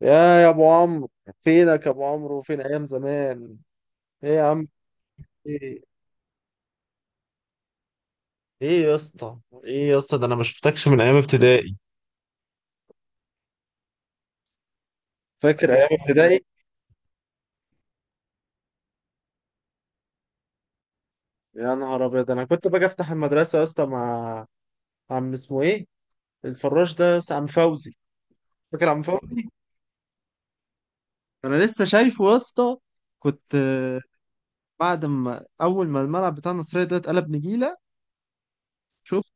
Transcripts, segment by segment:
يا يا ابو عمرو، فينك يا ابو عمرو؟ فين ايام زمان؟ ايه يا عم. ايه. ايه يا اسطى. ايه يا اسطى، ده انا ما شفتكش من ايام ابتدائي. فاكر ايام ابتدائي؟ يا نهار ابيض، انا كنت باجي افتح المدرسه يا اسطى مع عم اسمه ايه، الفراش ده يا اسطى، عم فوزي. فاكر عم فوزي؟ انا لسه شايفه يا اسطى. كنت آه، بعد ما اول ما الملعب بتاع النصريه ده اتقلب نجيله. شفت؟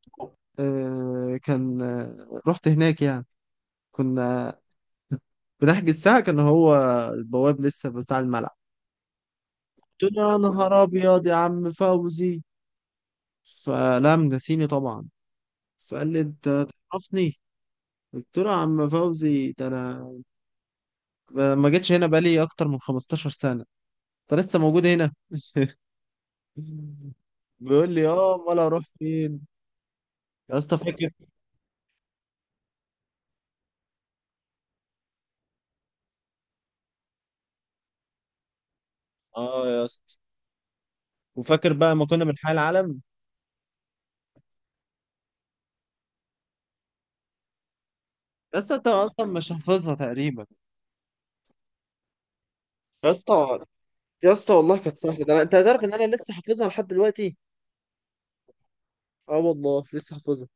كان رحت هناك يعني. كنا بنحجز ساعة. كان هو البواب لسه بتاع الملعب. قلت له يا نهار أبيض يا عم فوزي، فلم نسيني طبعا. فقال لي أنت تعرفني؟ قلت له يا عم فوزي ده أنا، أنا ما جيتش هنا بقالي أكتر من 15 سنة، أنت لسه موجود هنا؟ بيقول لي اه، امال اروح فين؟ يا اسطى فاكر؟ اه يا اسطى، وفاكر بقى ما كنا بنحيي العالم؟ يا اسطى انت اصلا مش حافظها تقريبا. يا اسطى، يا اسطى والله كانت سهله، ده انت هتعرف ان انا لسه حافظها لحد دلوقتي. اه والله لسه حافظها.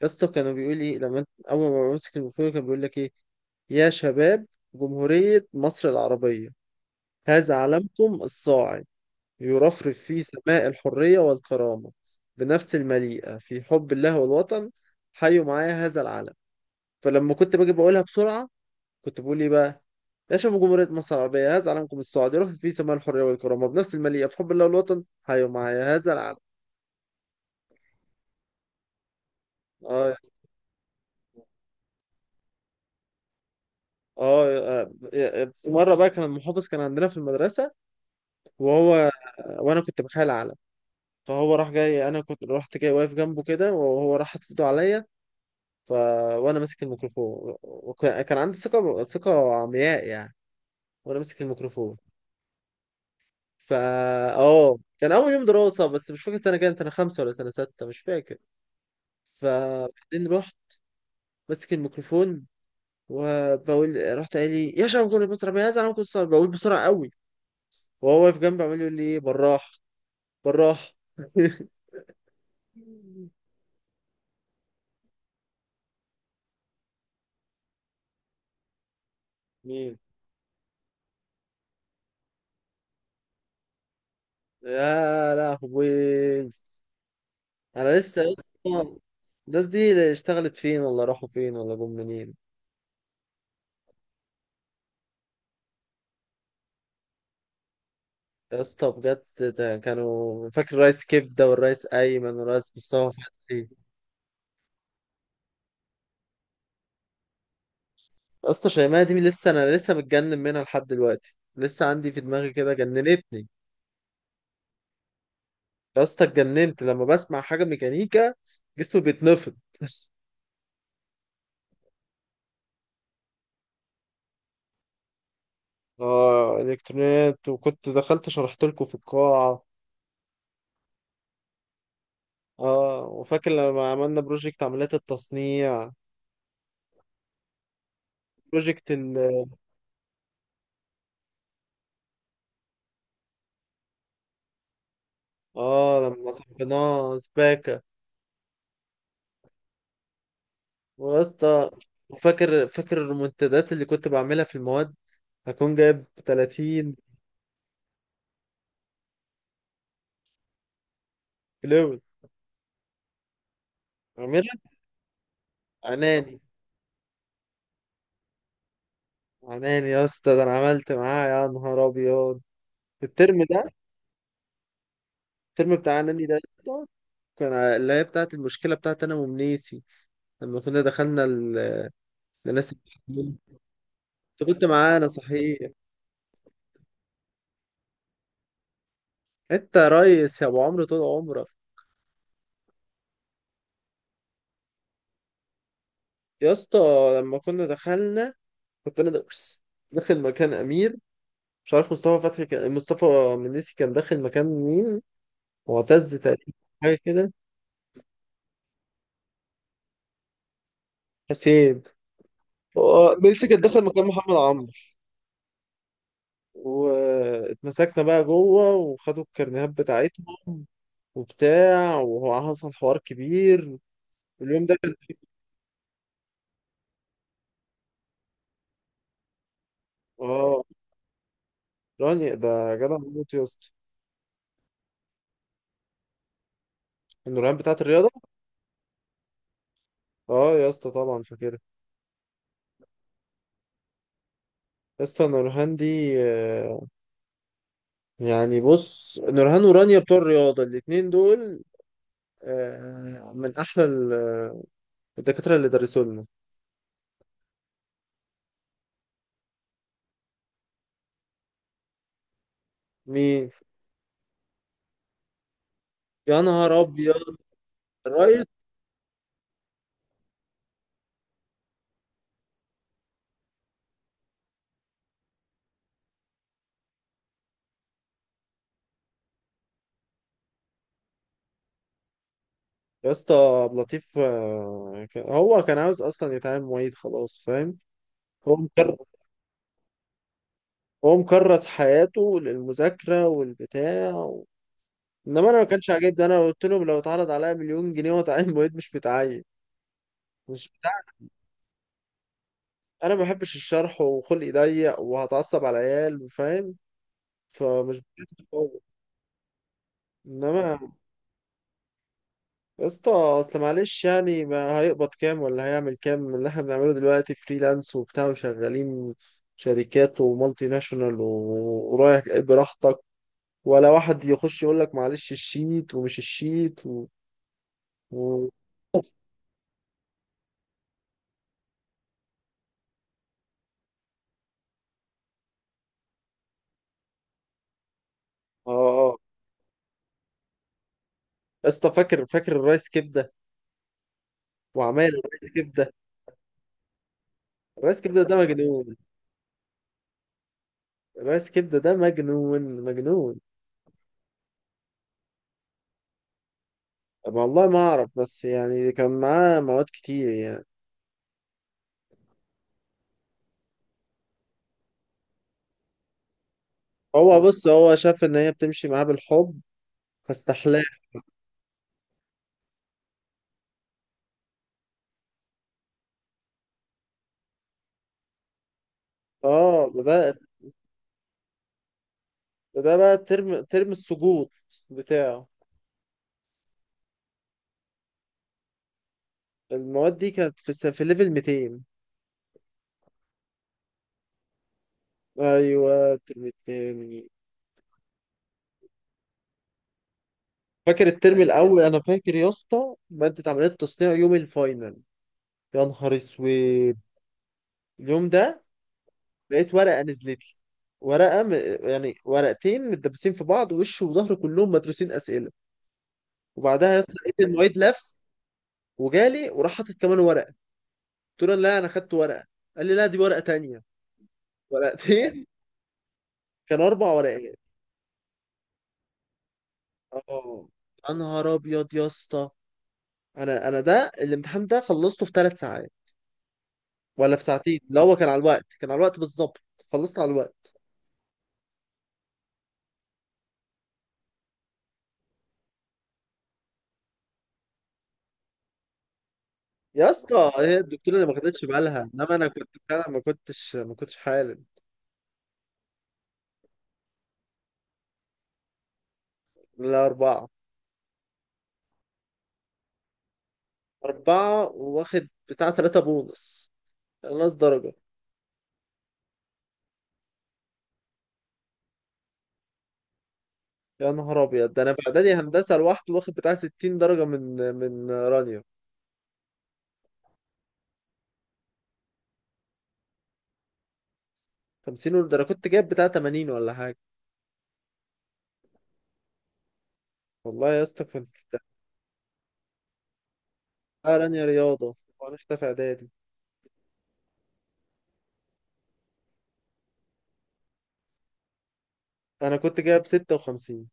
يا اسطى كانوا بيقول لي لما انت اول ما بمسك الميكروفون كان بيقول لك ايه؟ يا شباب، جمهورية مصر العربية، هذا علمكم الصاعد يرفرف في سماء الحرية والكرامة بنفس المليئة في حب الله والوطن، حيوا معايا هذا العلم. فلما كنت باجي بقولها بسرعة كنت بقول ايه بقى؟ يا شباب جمهورية مصر العربية هذا علمكم الصاعد يرفرف في سماء الحرية والكرامة بنفس المليئة في حب الله والوطن حيوا معايا هذا العلم. اه، اه، في مره بقى كان المحافظ كان عندنا في المدرسه، وهو وانا كنت بخيل علم، فهو راح جاي، انا كنت رحت جاي واقف جنبه كده وهو راح حاطط ايده عليا. ف وانا ماسك الميكروفون، وكان عندي ثقه ثقه عمياء يعني. وانا ماسك الميكروفون. فا اه، كان اول يوم دراسه، بس مش فاكر سنه كام، سنه خمسه ولا سنه سته مش فاكر. فبعدين رحت ماسك الميكروفون وبقول، رحت قال لي يا شباب كل مصر يا زلمه كل مصر، بقول بسرعه قوي، وهو واقف جنبي عمال يقول لي إيه، بالراحه، بالراحة. مين؟ يا لهوي، انا لسه يا اسطى، الناس دي اشتغلت فين ولا راحوا فين ولا جم منين؟ يا اسطى بجد، ده كانوا، فاكر الريس كبده والريس ايمن والريس مصطفى فتحي. يا اسطى شيماء دي، انا لسه متجنن منها لحد دلوقتي، لسه عندي في دماغي كده، جننتني. يا اسطى اتجننت، لما بسمع حاجه ميكانيكا جسمي بيتنفض. اه، الكترونيات، وكنت دخلت شرحت لكم في القاعه. اه، وفاكر لما عملنا بروجكت عمليات التصنيع، بروجكت ال اه لما صحبناه سباكة. ويا اسطى، وفاكر فاكر الريمونتادات اللي كنت بعملها في المواد، هكون جايب 30 كيلو. عاملها عناني. عناني يا اسطى، ده انا عملت معاه يا نهار ابيض. الترم ده الترم بتاع عناني ده يا اسطى، اللي هي بتاعت المشكلة بتاعت أنا ومنيسي لما كنا دخلنا لناس التحكيم. أنت كنت معانا صحيح. أنت يا ريس يا أبو عمرو طول عمرك. يا اسطى لما كنا دخلنا، كنت انا داخل مكان امير، مش عارف، مصطفى فتحي كان، مصطفى منيسي كان داخل مكان مين؟ معتز تقريبا، حاجه كده، حسين. هو ميسي كان داخل مكان محمد عمرو. واتمسكنا بقى جوه وخدوا الكارنيهات بتاعتهم وبتاع، وهو حصل حوار كبير. اليوم ده كان اه، راني ده جدع موت يا اسطى. النورهان بتاعت الرياضه. اه يا اسطى، طبعا فاكرها. يا اسطى النورهان دي يعني بص، نورهان ورانيا بتوع الرياضة الاتنين دول من أحلى الدكاترة اللي درسوا لنا. مين؟ يا نهار أبيض، الريس. يا اسطى عبد اللطيف هو كان عاوز أصلا يتعامل معيد خلاص، فاهم؟ هو مكر... هو مكرس حياته للمذاكرة والبتاع و، إنما أنا ما كانش عاجبني، أنا قلت لهم لو اتعرض عليا مليون جنيه وأتعين معيد مش متعين. مش بتاع. أنا ما بحبش الشرح وخلقي ضيق وهتعصب على العيال، فاهم؟ فمش بتاعتي. انما، يا اسطى اصل معلش يعني ما هيقبض كام ولا هيعمل كام من اللي احنا بنعمله دلوقتي فريلانس وبتاع، وشغالين شركات ومالتي ناشونال ورايح جاي براحتك، ولا واحد يخش يقول لك معلش الشيت ومش الشيت و. اه، آه. يا اسطى فاكر، فاكر الرايس كبده وعمايل الرايس كبده. الرايس كبده ده مجنون، الرايس كبده ده مجنون مجنون. طب والله ما اعرف، بس يعني كان معاه مواد كتير يعني. هو بص، هو شاف ان هي بتمشي معاه بالحب، فاستحلاف. اه، بدأت. ده بقى ترم ترم السقوط بتاعه. المواد دي كانت في ليفل 200. ايوه الترم التاني. فاكر الترم الاول؟ انا فاكر يا اسطى، مادة عملية تصنيع يوم الفاينل. يا نهار اسود اليوم ده. لقيت ورقة نزلت لي، ورقة م... يعني ورقتين متدبسين في بعض وش وظهر كلهم مدروسين اسئلة. وبعدها يا اسطى لقيت المعيد لف وجالي وراح حاطط كمان ورقة. قلت له لا انا خدت ورقة. قال لي لا، دي ورقة تانية. ورقتين. كان 4 ورقات. اه يا نهار ابيض يا اسطى، انا ده الامتحان ده خلصته في 3 ساعات ولا في ساعتين، لا هو كان على الوقت، كان على الوقت بالظبط. خلصت على الوقت. يا اسطى هي الدكتوره اللي ما خدتش بالها، انما انا كنت فعلا ما كنتش ما كنتش حالم. لا اربعه. اربعه واخد بتاع ثلاثه بونص، نص درجه. يا نهار ابيض، ده انا في اعدادي هندسه لوحده واخد بتاع 60 درجه من رانيا. 50 ده انا كنت جايب بتاع 80 ولا حاجه. والله يا اسطى كنت. لا رانيا رياضة، وأنا في إعدادي. أنا كنت جايب 56.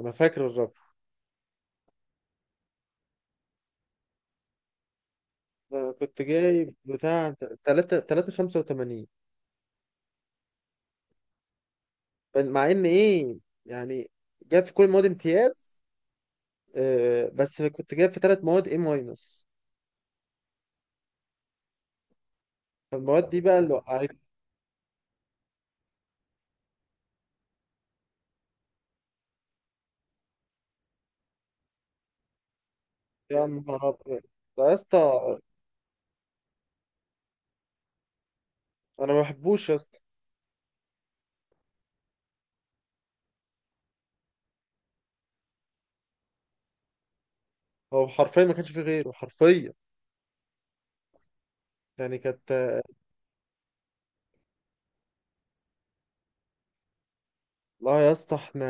أنا فاكر الرقم. أنا كنت جايب بتاع تلاتة تلاتة خمسة وتمانين. مع إن إيه يعني، جايب في كل المواد امتياز، آه بس كنت جايب في تلات مواد إيه ماينس. فالمواد دي بقى اللي وقعت. يا نهار أبيض. ده يا اسطى، أنا ما بحبوش يا اسطى. هو حرفيا ما كانش فيه غيره، حرفيا. يعني كانت. لا يا اسطى احنا،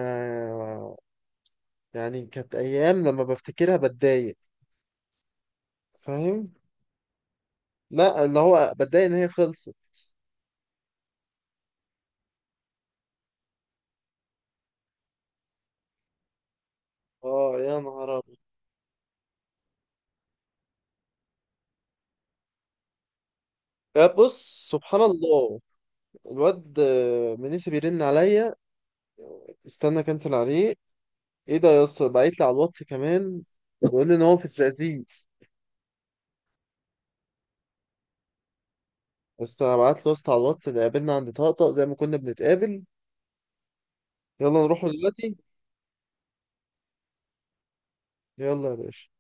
يعني كانت أيام لما بفتكرها بتضايق، فاهم؟ لا، اللي هو بتضايق ان هي خلصت. اه يا نهار ابيض. يا بص سبحان الله، الواد منيسي بيرن عليا. استنى كنسل عليه. ايه ده يا اسطى؟ بعت لي على الواتس كمان، بيقول لي ان هو في الزقازيق. بس انا بعت له يا اسطى على الواتس، اللي قابلنا عند طقطق زي ما كنا بنتقابل. يلا نروح دلوقتي. يلا يا باشا.